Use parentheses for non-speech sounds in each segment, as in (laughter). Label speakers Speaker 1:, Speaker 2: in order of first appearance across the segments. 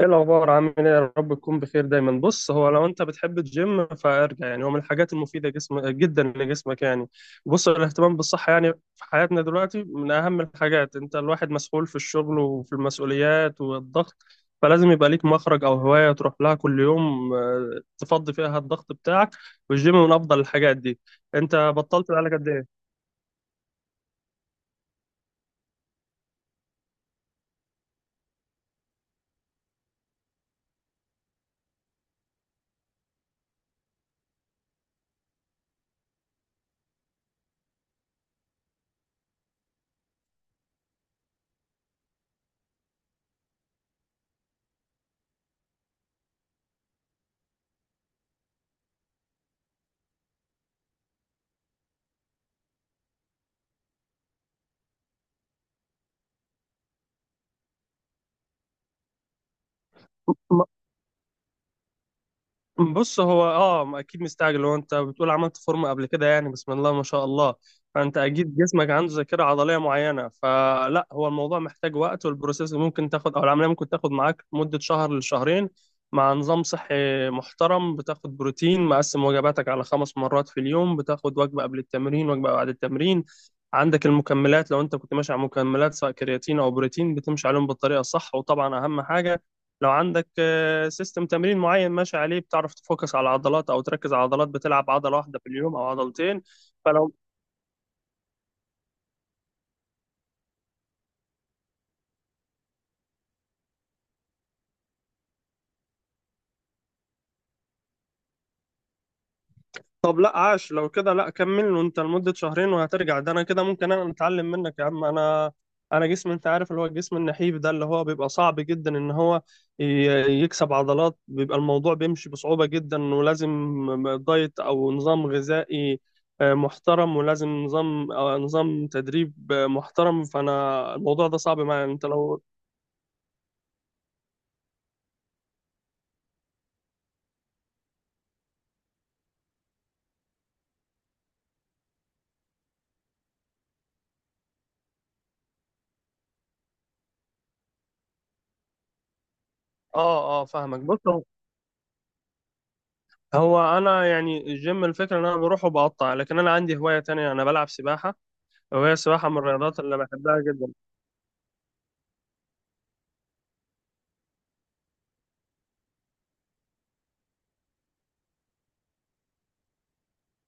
Speaker 1: ايه الاخبار؟ عامل ايه؟ يا رب تكون بخير دايما. بص، هو لو انت بتحب الجيم فارجع، يعني هو من الحاجات المفيده جسم جدا لجسمك. يعني بص، الاهتمام بالصحه يعني في حياتنا دلوقتي من اهم الحاجات. انت الواحد مسؤول في الشغل وفي المسؤوليات والضغط، فلازم يبقى ليك مخرج او هوايه تروح لها كل يوم، تفضي فيها الضغط بتاعك. والجيم من افضل الحاجات دي. انت بطلت بقالك قد ايه؟ بص، هو اه، ما اكيد مستعجل. هو انت بتقول عملت فورمه قبل كده، يعني بسم الله ما شاء الله. فانت اكيد جسمك عنده ذاكره عضليه معينه، فلا هو الموضوع محتاج وقت، والبروسيس ممكن تاخد او العمليه ممكن تاخد معاك مده شهر لشهرين، مع نظام صحي محترم. بتاخد بروتين مقسم، وجباتك على خمس مرات في اليوم، بتاخد وجبه قبل التمرين وجبه بعد التمرين. عندك المكملات لو انت كنت ماشي على مكملات، سواء كرياتين او بروتين بتمشي عليهم بالطريقه الصح. وطبعا اهم حاجه لو عندك سيستم تمرين معين ماشي عليه، بتعرف تفوكس على عضلات او تركز على عضلات، بتلعب عضله واحده في اليوم او عضلتين. فلو طب لا، عاش، لو كده لا كمل وانت لمده شهرين وهترجع. ده انا كده ممكن انا اتعلم منك يا عم. انا انا جسم، انت عارف اللي هو الجسم النحيف ده اللي هو بيبقى صعب جدا ان هو يكسب عضلات، بيبقى الموضوع بيمشي بصعوبة جدا، ولازم دايت او نظام غذائي محترم، ولازم نظام نظام تدريب محترم. فانا الموضوع ده صعب معايا. انت لو اه اه فاهمك. بص هو، هو انا يعني الجيم الفكره ان انا بروح وبقطع، لكن انا عندي هوايه تانية، انا بلعب سباحه، وهي السباحه من الرياضات اللي بحبها جدا.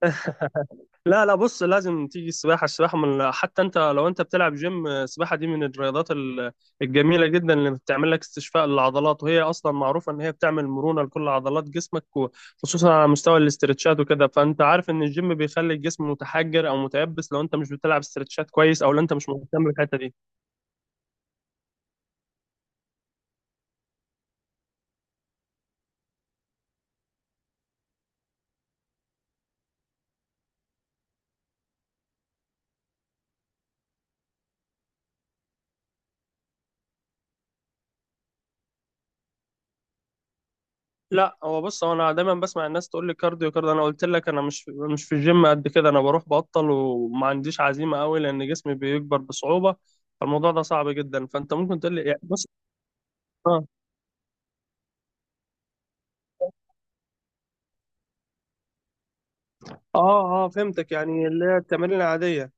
Speaker 1: (laughs) لا لا، بص لازم تيجي السباحه. السباحه من، حتى انت لو انت بتلعب جيم، السباحه دي من الرياضات الجميله جدا، اللي بتعمل لك استشفاء للعضلات، وهي اصلا معروفه ان هي بتعمل مرونه لكل عضلات جسمك، خصوصا على مستوى الاسترتشات وكده. فانت عارف ان الجيم بيخلي الجسم متحجر او متيبس لو انت مش بتلعب استرتشات كويس، او لو انت مش مهتم بالحته دي. لا هو بص، هو انا دايما بسمع الناس تقول لي كارديو كارديو. انا قلت لك انا مش في الجيم قد كده، انا بروح بطل وما عنديش عزيمه قوي، لان جسمي بيكبر بصعوبه، فالموضوع ده صعب جدا. فانت ممكن تقول لي يعني بص، اه اه اه فهمتك، يعني اللي هي التمارين العاديه.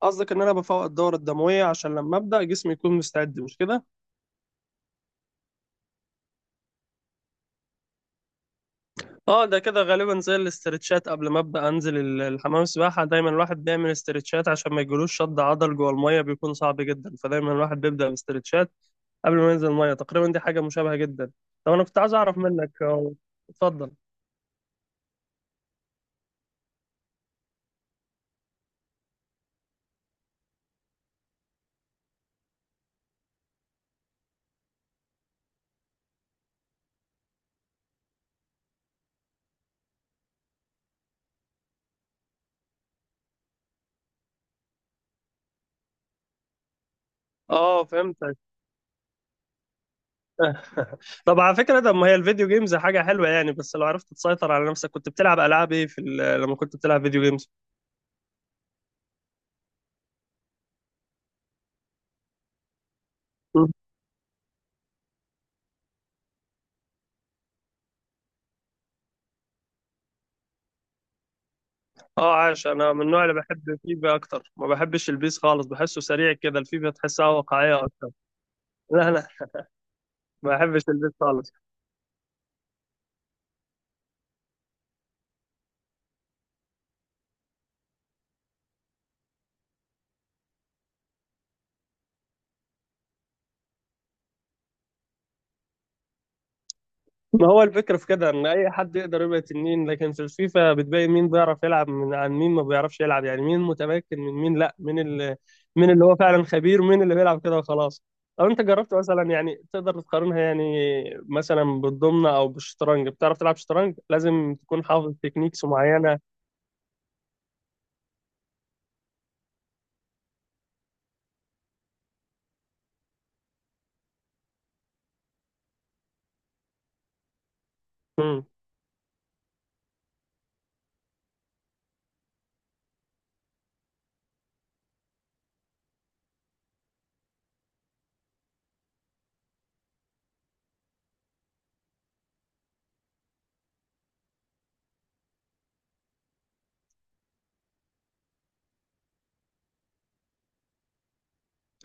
Speaker 1: قصدك ان انا بفوق الدوره الدمويه عشان لما ابدا جسمي يكون مستعد، مش كده؟ اه، ده كده غالبا زي الاسترتشات قبل ما ابدا انزل الحمام السباحه، دايما الواحد بيعمل استرتشات عشان ما يجيلوش شد عضل، جوه الميه بيكون صعب جدا، فدايما الواحد بيبدا باسترتشات قبل ما ينزل الميه. تقريبا دي حاجه مشابهه جدا. طب انا كنت عايز اعرف منك أهو. اتفضل. اه فهمتك. (laughs) طب على فكره، طب ما هي الفيديو جيمز حاجه حلوه يعني، بس لو عرفت تسيطر على نفسك. كنت بتلعب العاب ايه في لما كنت بتلعب فيديو جيمز؟ مم. اه عاش، انا من النوع اللي بحب فيفا اكتر، ما بحبش البيس خالص، بحسه سريع كده، الفيفا تحسها واقعيه اكتر. لا لا، ما بحبش البيس خالص. ما هو الفكرة في كده إن أي حد يقدر يبقى تنين، لكن في الفيفا بتبين مين بيعرف يلعب من عن مين ما بيعرفش يلعب، يعني مين متمكن من مين. لأ، مين اللي، مين اللي هو فعلا خبير ومين اللي بيلعب كده وخلاص. لو أنت جربت مثلا، يعني تقدر تقارنها، يعني مثلا بالضمنة أو بالشطرنج. بتعرف تلعب شطرنج؟ لازم تكون حافظ تكنيكس معينة.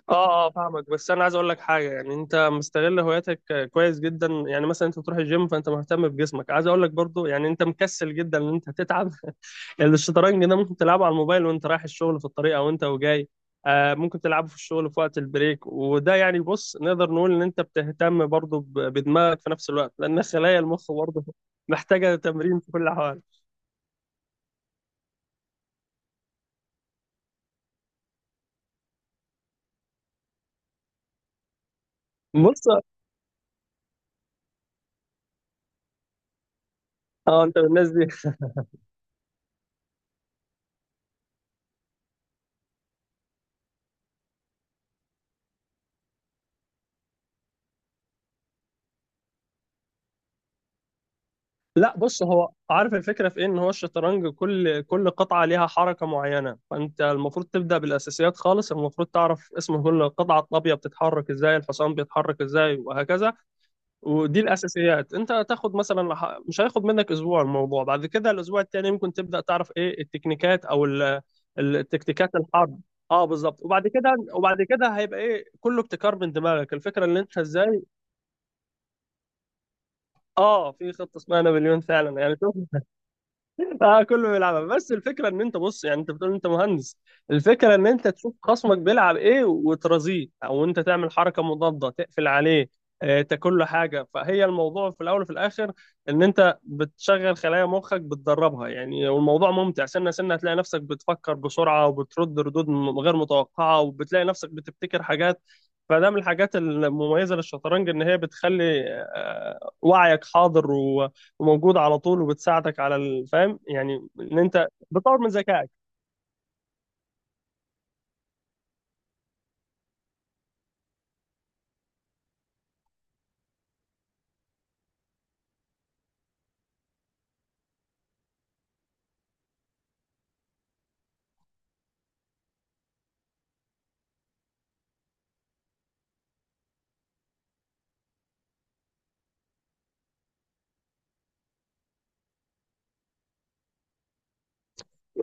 Speaker 1: اه اه فاهمك، بس انا عايز اقول لك حاجه. يعني انت مستغل هواياتك كويس جدا، يعني مثلا انت بتروح الجيم، فانت مهتم بجسمك. عايز اقول لك برضو يعني انت مكسل جدا ان انت تتعب (laughs) يعني الشطرنج ده ممكن تلعبه على الموبايل وانت رايح الشغل في الطريق او انت وجاي، آه ممكن تلعبه في الشغل في وقت البريك. وده يعني بص، نقدر نقول ان انت بتهتم برضو بدماغك في نفس الوقت، لان خلايا المخ برضو (laughs) محتاجه تمرين في كل الاحوال. بص اه، انت من الناس دي. لا بص، هو عارف الفكرة في ايه، ان هو الشطرنج كل قطعة ليها حركة معينة، فانت المفروض تبدأ بالاساسيات خالص. المفروض تعرف اسم كل قطعة، الطابية بتتحرك ازاي، الحصان بيتحرك ازاي، وهكذا. ودي الاساسيات. انت هتاخد مثلا مش هياخد منك اسبوع الموضوع، بعد كده الاسبوع التاني ممكن تبدأ تعرف ايه التكنيكات او التكتيكات الحرب. اه بالظبط. وبعد كده وبعد كده هيبقى ايه، كله ابتكار من دماغك. الفكرة ان انت ازاي، اه في خطة اسمها نابليون فعلا، يعني شوف. (laughs) اه كله بيلعبها، بس الفكره ان انت، بص يعني، انت بتقول انت مهندس. الفكره ان انت تشوف خصمك بيلعب ايه وترازيه، او انت تعمل حركه مضاده تقفل عليه، تاكل له حاجه. فهي الموضوع في الاول وفي الاخر ان انت بتشغل خلايا مخك، بتدربها يعني. والموضوع ممتع، سنه سنه هتلاقي نفسك بتفكر بسرعه، وبترد ردود غير متوقعه، وبتلاقي نفسك بتبتكر حاجات. فده من الحاجات المميزه للشطرنج، ان هي بتخلي وعيك حاضر وموجوده على طول، وبتساعدك على الفهم، يعني ان انت بتطور من ذكائك.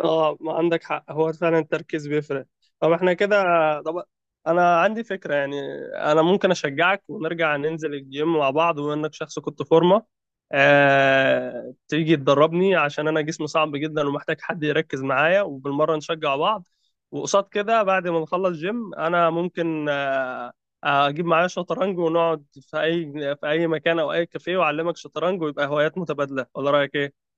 Speaker 1: اه ما عندك حق، هو فعلا التركيز بيفرق. طب احنا كده، طب انا عندي فكرة يعني. انا ممكن اشجعك ونرجع ننزل الجيم مع بعض، وانك شخص كنت فورمة، تيجي تدربني عشان انا جسمي صعب جدا ومحتاج حد يركز معايا، وبالمرة نشجع بعض. وقصاد كده بعد ما نخلص جيم انا ممكن اجيب معايا شطرنج ونقعد في اي، في اي مكان او اي كافيه، واعلمك شطرنج، ويبقى هوايات متبادلة. ولا رأيك ايه؟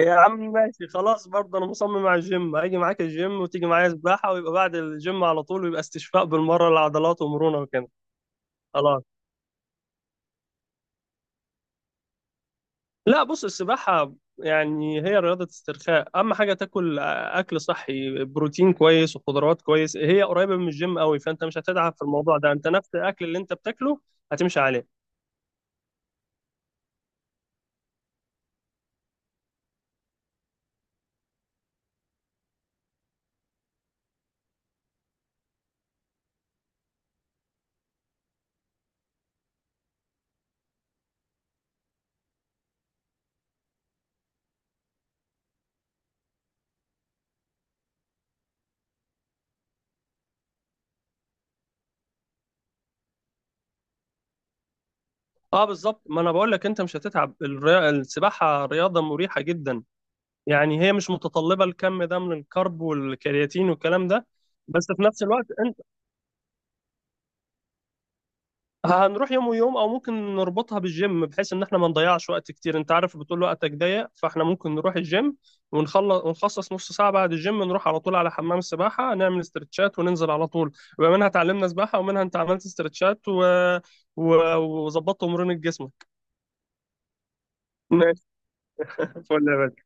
Speaker 1: يا عم ماشي خلاص، برضه انا مصمم على الجيم، هاجي معاك الجيم وتيجي معايا سباحه، ويبقى بعد الجيم على طول، ويبقى استشفاء بالمره للعضلات ومرونه وكده. خلاص، لا بص، السباحه يعني هي رياضه استرخاء، اهم حاجه تاكل اكل صحي، بروتين كويس وخضروات كويس. هي قريبه من الجيم قوي، فانت مش هتتعب في الموضوع ده، انت نفس الاكل اللي انت بتاكله هتمشي عليه. اه بالظبط، ما انا بقول لك انت مش هتتعب. السباحه رياضه مريحه جدا، يعني هي مش متطلبة الكم ده من الكرب والكرياتين والكلام ده. بس في نفس الوقت انت، هنروح يوم ويوم، او ممكن نربطها بالجيم بحيث ان احنا ما نضيعش وقت كتير، انت عارف بتقول وقتك ضيق، فاحنا ممكن نروح الجيم ونخلص، ونخصص نص ساعة بعد الجيم نروح على طول على حمام السباحة، نعمل استرتشات وننزل على طول. يبقى منها اتعلمنا سباحة، ومنها انت عملت استرتشات و... وظبطت مرونة جسمك. ماشي، فل يا باشا.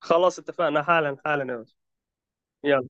Speaker 1: خلاص اتفقنا، حالا حالا يا باشا. يلا